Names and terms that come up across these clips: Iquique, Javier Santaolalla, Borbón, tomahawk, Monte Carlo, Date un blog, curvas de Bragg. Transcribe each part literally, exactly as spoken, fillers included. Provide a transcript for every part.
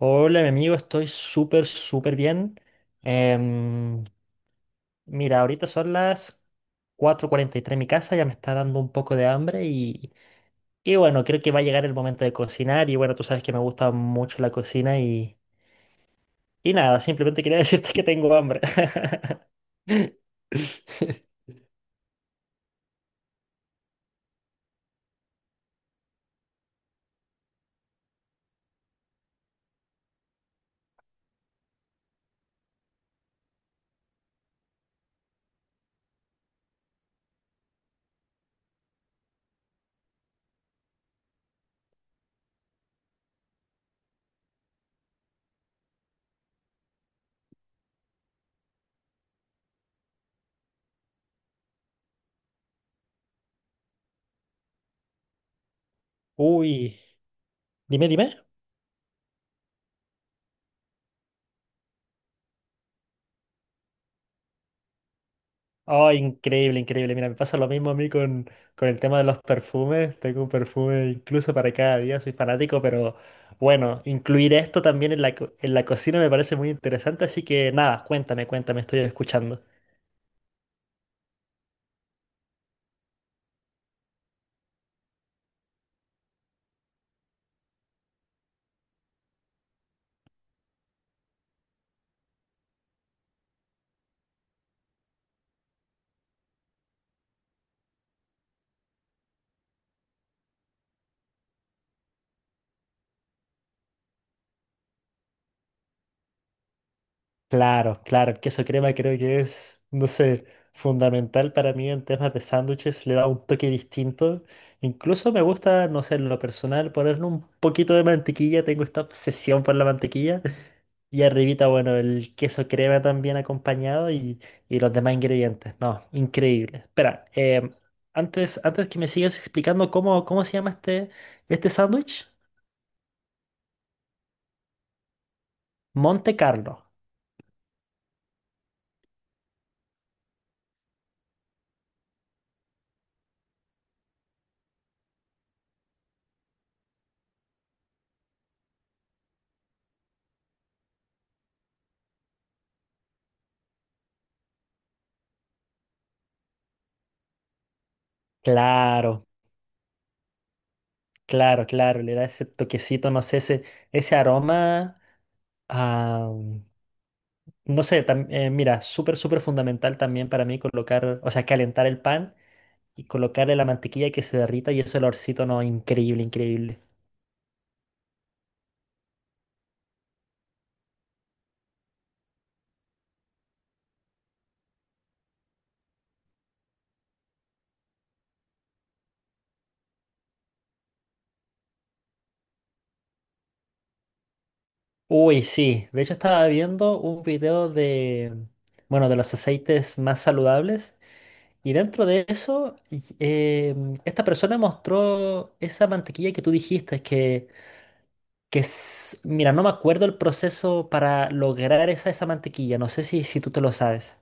Hola, mi amigo, estoy súper, súper bien. Em, Mira, ahorita son las cuatro cuarenta y tres en mi casa, ya me está dando un poco de hambre y, y bueno, creo que va a llegar el momento de cocinar y bueno, tú sabes que me gusta mucho la cocina y, y nada, simplemente quería decirte que tengo hambre. Uy, dime, dime. Oh, increíble, increíble. Mira, me pasa lo mismo a mí con, con el tema de los perfumes. Tengo un perfume incluso para cada día, soy fanático, pero bueno, incluir esto también en la, co- en la cocina me parece muy interesante, así que nada, cuéntame, cuéntame, estoy escuchando. Claro, claro, el queso crema creo que es, no sé, fundamental para mí en temas de sándwiches, le da un toque distinto. Incluso me gusta, no sé, en lo personal, ponerle un poquito de mantequilla, tengo esta obsesión por la mantequilla. Y arribita, bueno, el queso crema también acompañado y, y los demás ingredientes. No, increíble. Espera, em, antes, antes que me sigas explicando cómo, cómo se llama este, este sándwich, Monte Carlo. Claro, claro, claro. Le da ese toquecito, no sé, ese, ese aroma. A, no sé, tam- eh, mira, súper, súper fundamental también para mí colocar, o sea, calentar el pan y colocarle la mantequilla que se derrita y ese olorcito, no, increíble, increíble. Uy, sí. De hecho, estaba viendo un video de, bueno, de los aceites más saludables. Y dentro de eso, y- eh, esta persona mostró esa mantequilla que tú dijiste, que, que es, mira, no me acuerdo el proceso para lograr esa, esa mantequilla. No sé si, si tú te lo sabes.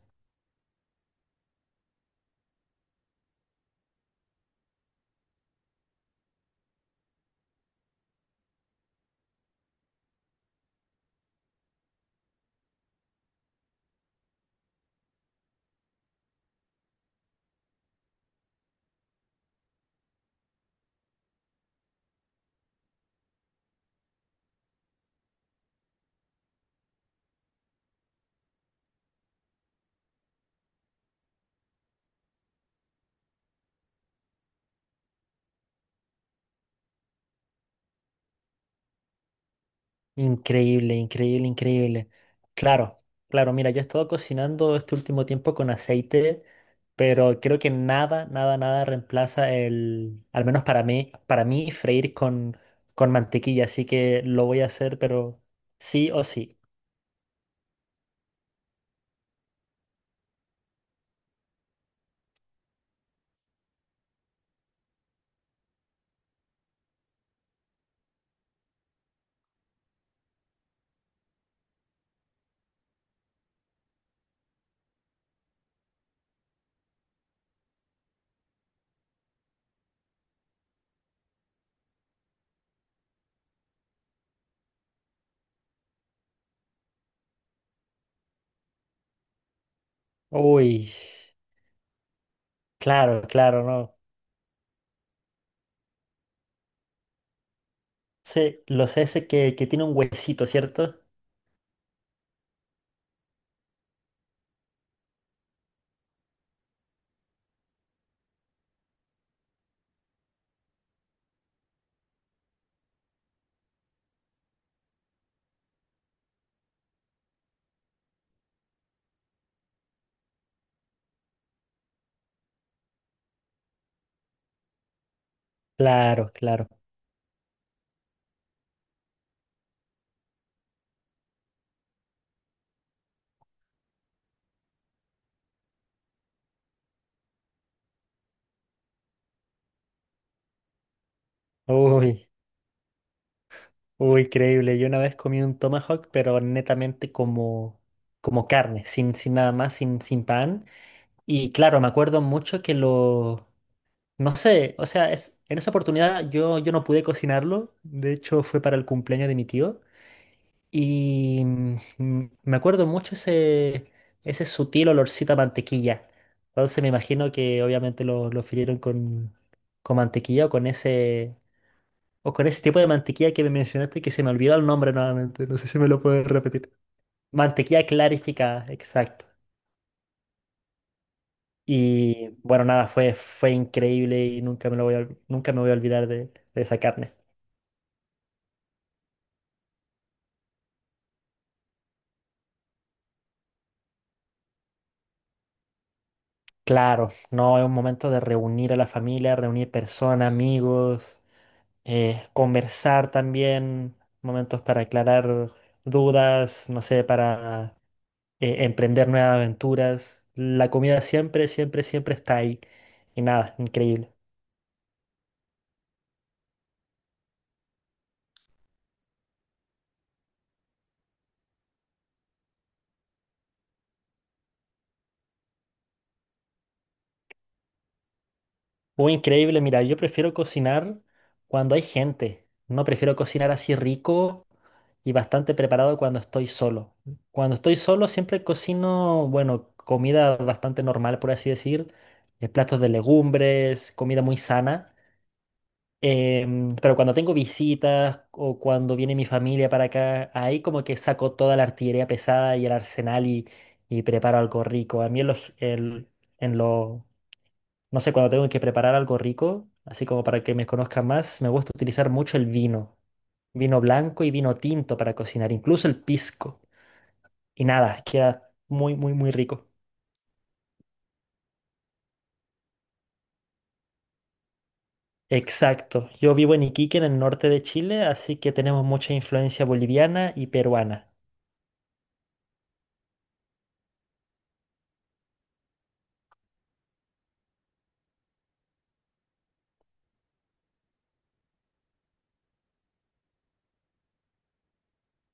Increíble, increíble, increíble. Claro, claro, mira, yo he estado cocinando este último tiempo con aceite, pero creo que nada, nada, nada reemplaza el, al menos para mí, para mí, freír con, con mantequilla, así que lo voy a hacer, pero sí o sí. Uy, claro, claro, no. Sí, los ese que, que tiene un huesito, ¿cierto? Claro, claro. Uy. Uy, increíble. Yo una vez comí un tomahawk, pero netamente como, como carne, sin, sin nada más, sin, sin pan. Y claro, me acuerdo mucho que lo... No sé, o sea, es, en esa oportunidad yo, yo no pude cocinarlo. De hecho, fue para el cumpleaños de mi tío. Y mm, mm, me acuerdo mucho ese, ese sutil olorcito a mantequilla. Entonces me imagino que obviamente lo, lo frieron con, con mantequilla o con ese... O con ese tipo de mantequilla que me mencionaste que se me olvidó el nombre nuevamente. No sé si me lo puedes repetir. Mantequilla clarificada, exacto. Y bueno, nada, fue, fue increíble y nunca me lo voy a, ol- nunca me voy a olvidar de, de esa carne. Claro, no, es un momento de reunir a la familia, reunir personas, amigos, eh, conversar también, momentos para aclarar dudas, no sé, para eh, emprender nuevas aventuras. La comida siempre, siempre, siempre está ahí. Y nada, increíble. Uy, increíble, mira, yo prefiero cocinar cuando hay gente. No prefiero cocinar así rico y bastante preparado cuando estoy solo. Cuando estoy solo siempre cocino, bueno, comida bastante normal, por así decir, eh, platos de legumbres, comida muy sana. Em, pero cuando tengo visitas o cuando viene mi familia para acá, ahí como que saco toda la artillería pesada y el arsenal y, y preparo algo rico. A mí en los, el- en los no sé, cuando tengo que preparar algo rico, así como para que me conozcan más, me gusta utilizar mucho el vino. Vino blanco y vino tinto para cocinar, incluso el pisco. Y nada, queda muy, muy, muy rico. Exacto. Yo vivo en Iquique, en el norte de Chile, así que tenemos mucha influencia boliviana y peruana.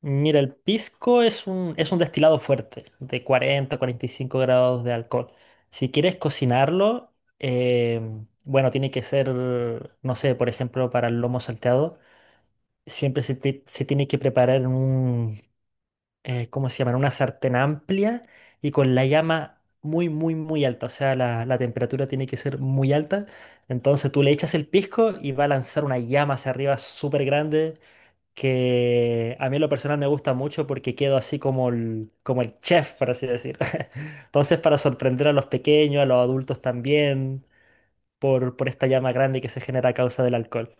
Mira, el pisco es un, es un destilado fuerte, de cuarenta cuarenta y cinco grados de alcohol. Si quieres cocinarlo, em, bueno, tiene que ser, no sé, por ejemplo, para el lomo salteado. Siempre se, te- se tiene que preparar en un, eh, ¿cómo se llama? En una sartén amplia y con la llama muy, muy, muy alta. O sea, la, la temperatura tiene que ser muy alta. Entonces tú le echas el pisco y va a lanzar una llama hacia arriba súper grande que a mí en lo personal me gusta mucho porque quedo así como el, como el chef, por así decir. Entonces para sorprender a los pequeños, a los adultos también, por, por esta llama grande que se genera a causa del alcohol.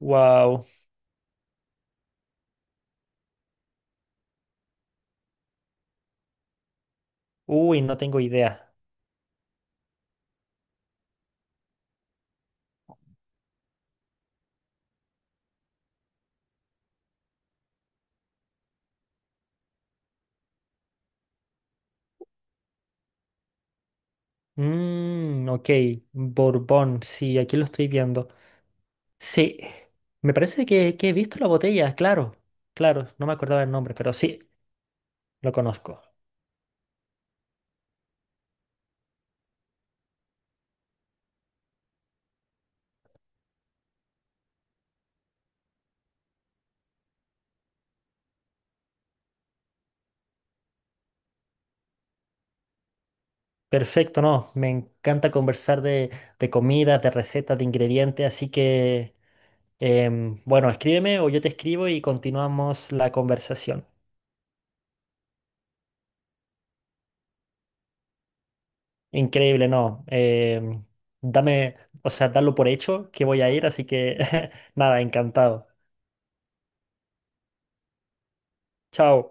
Wow. Uy, no tengo idea. Mm, ok, Borbón, sí, aquí lo estoy viendo. Sí, me parece que, que he visto la botella, claro, claro, no me acordaba el nombre, pero sí, lo conozco. Perfecto, no, me encanta conversar de, de comidas, de recetas, de ingredientes, así que, em, bueno, escríbeme o yo te escribo y continuamos la conversación. Increíble, no, em, dame, o sea, darlo por hecho que voy a ir, así que, nada, encantado. Chao.